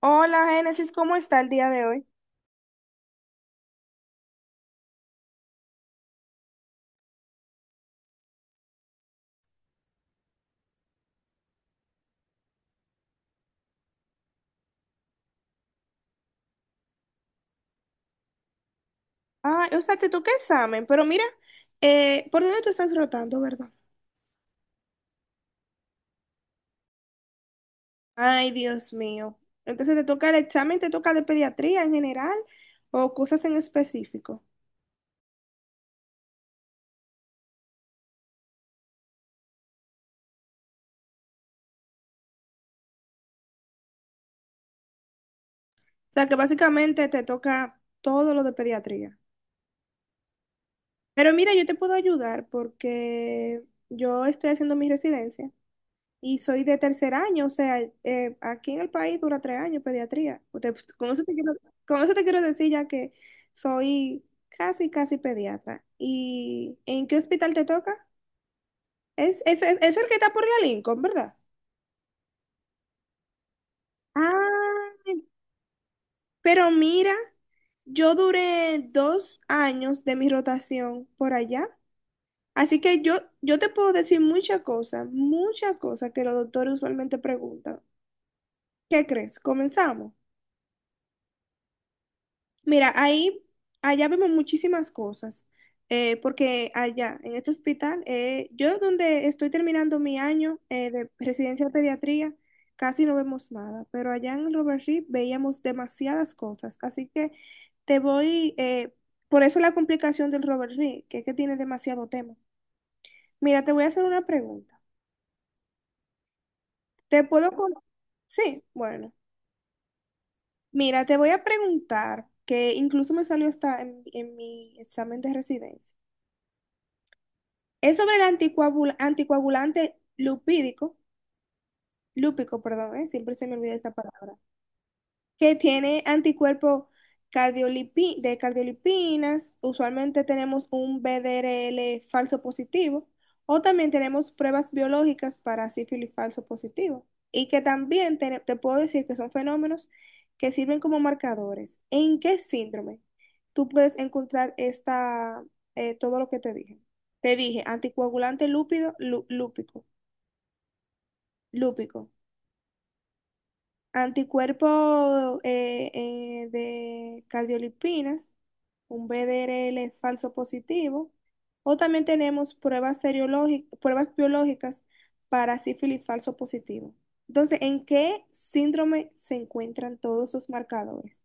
Hola, Génesis, ¿cómo está el día de hoy? Ah, o sea, que tú qué examen, pero mira, ¿por dónde tú estás rotando, verdad? Ay, Dios mío. Entonces, ¿te toca el examen, te toca de pediatría en general o cosas en específico? O sea, que básicamente te toca todo lo de pediatría. Pero mira, yo te puedo ayudar porque yo estoy haciendo mi residencia. Y soy de tercer año, o sea, aquí en el país dura tres años pediatría. Usted, pues, con eso te quiero decir ya que soy casi, casi pediatra. ¿Y en qué hospital te toca? Es el que está por la Lincoln, ¿verdad? Ah, pero mira, yo duré dos años de mi rotación por allá. Así que yo te puedo decir muchas cosas que los doctores usualmente preguntan. ¿Qué crees? ¿Comenzamos? Mira, ahí, allá vemos muchísimas cosas, porque allá, en este hospital, yo donde estoy terminando mi año de residencia de pediatría, casi no vemos nada, pero allá en Robert Reed veíamos demasiadas cosas, así que te voy, por eso la complicación del Robert Reed, que es que tiene demasiado tema. Mira, te voy a hacer una pregunta. ¿Te puedo... Sí, bueno. Mira, te voy a preguntar, que incluso me salió hasta en mi examen de residencia. Es sobre el anticoagulante lupídico, lúpico, perdón, ¿eh? Siempre se me olvida esa palabra que tiene anticuerpos de cardiolipinas, usualmente tenemos un BDRL falso positivo, o también tenemos pruebas biológicas para sífilis falso positivo, y que también te puedo decir que son fenómenos que sirven como marcadores. ¿En qué síndrome tú puedes encontrar esta, todo lo que te dije? Te dije anticoagulante lúpido, lúpico, lúpico. Anticuerpo de cardiolipinas, un BDRL falso positivo. O también tenemos pruebas biológicas para sífilis falso positivo. Entonces, ¿en qué síndrome se encuentran todos esos marcadores?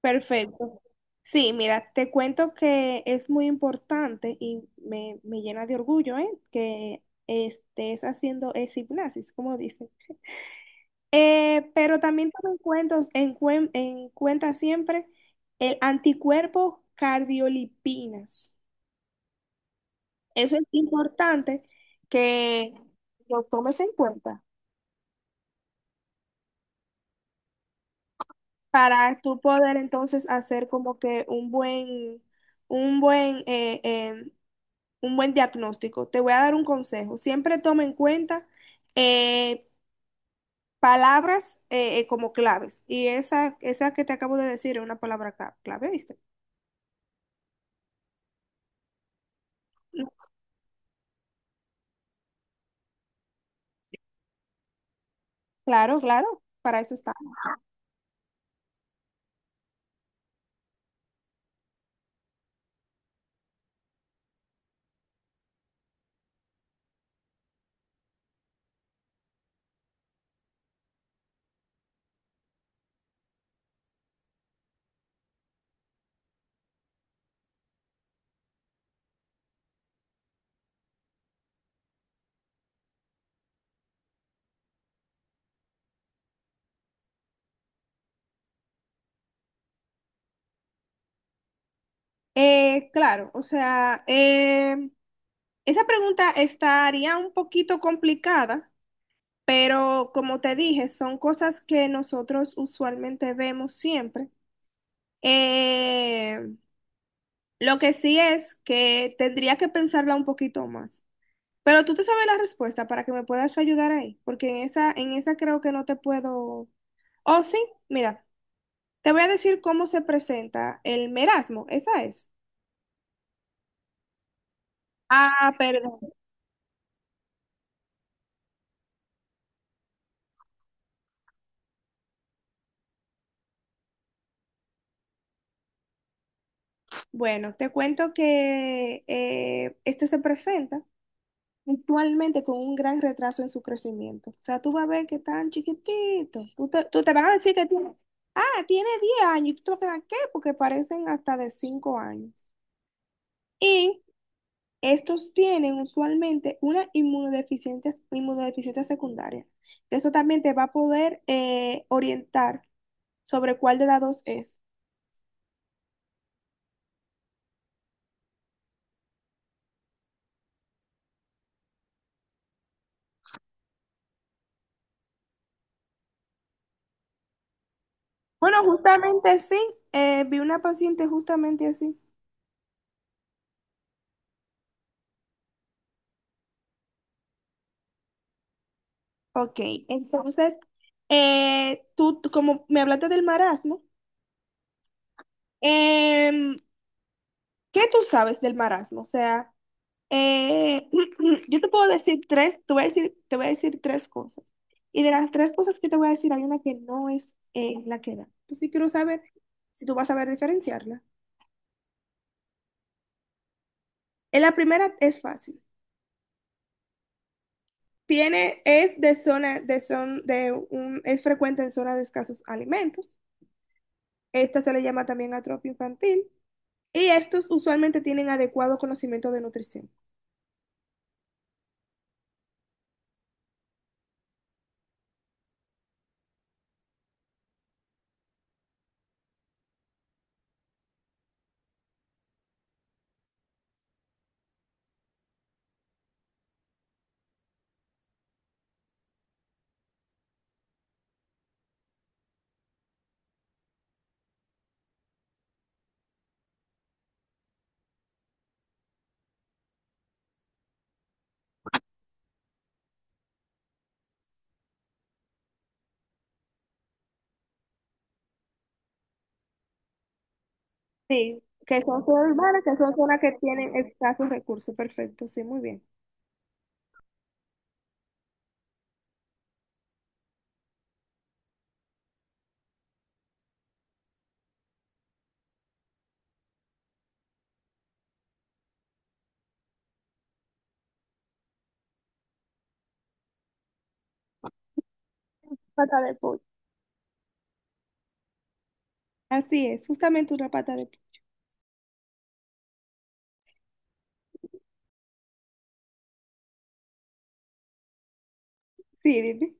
Perfecto. Sí, mira, te cuento que es muy importante y me llena de orgullo, ¿eh? Que estés haciendo esa hipnosis, como dicen. Pero también toma en cuenta, en cuenta siempre el anticuerpo cardiolipinas. Eso es importante que lo tomes en cuenta para tú poder entonces hacer como que un buen, un buen, un buen diagnóstico. Te voy a dar un consejo. Siempre toma en cuenta eh, palabras como claves. Y esa que te acabo de decir es una palabra clave, ¿viste? Claro, claro, para eso está. Claro, o sea, esa pregunta estaría un poquito complicada, pero como te dije, son cosas que nosotros usualmente vemos siempre. Eh, lo que sí es que tendría que pensarla un poquito más. Pero tú te sabes la respuesta para que me puedas ayudar ahí, porque en esa creo que no te puedo. Oh, sí, mira, te voy a decir cómo se presenta el merasmo, esa es. Ah, perdón. Bueno, te cuento que este se presenta actualmente con un gran retraso en su crecimiento. O sea, tú vas a ver que tan chiquitito. Tú te van a decir que tiene, ah, tiene 10 años. ¿Y tú te vas a quedar qué? Porque parecen hasta de 5 años. Y estos tienen usualmente una inmunodeficiencia, inmunodeficiencia secundaria. Eso también te va a poder orientar sobre cuál de las dos es. Bueno, justamente sí. Eh, vi una paciente justamente así. Ok, entonces, tú como me hablaste del marasmo, em, ¿qué tú sabes del marasmo? O sea, eh, yo te puedo decir tres, te voy a decir, te voy a decir tres cosas. Y de las tres cosas que te voy a decir, hay una que no es la que da. Entonces, yo quiero saber si tú vas a saber diferenciarla. La primera es fácil. Tiene, es de zona, de son, de un, es frecuente en zonas de escasos alimentos. Esta se le llama también atrofia infantil. Y estos usualmente tienen adecuado conocimiento de nutrición. Sí, que son zonas urbanas, que son zonas que tienen escasos recursos. Perfecto, sí, muy bien. Pata de pollo. Así es, justamente una pata de... pollo. Sí, dime.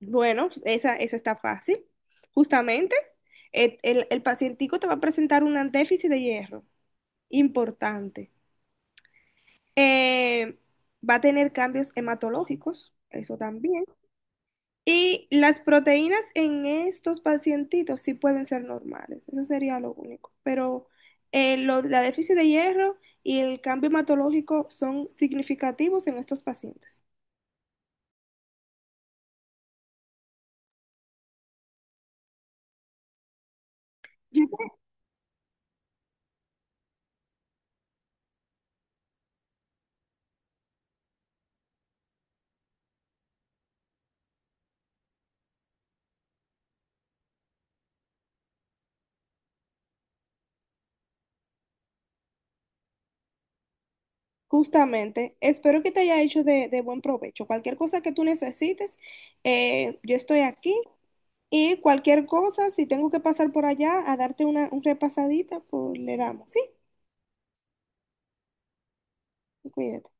Bueno, pues esa está fácil. Justamente, el pacientico te va a presentar un déficit de hierro importante. Eh, va a tener cambios hematológicos, eso también. Y las proteínas en estos pacientitos sí pueden ser normales, eso sería lo único. Pero la déficit de hierro y el cambio hematológico son significativos en estos pacientes. Yo te- justamente, espero que te haya hecho de buen provecho. Cualquier cosa que tú necesites, yo estoy aquí. Y cualquier cosa, si tengo que pasar por allá a darte una, un repasadita, pues le damos, ¿sí? Cuídate.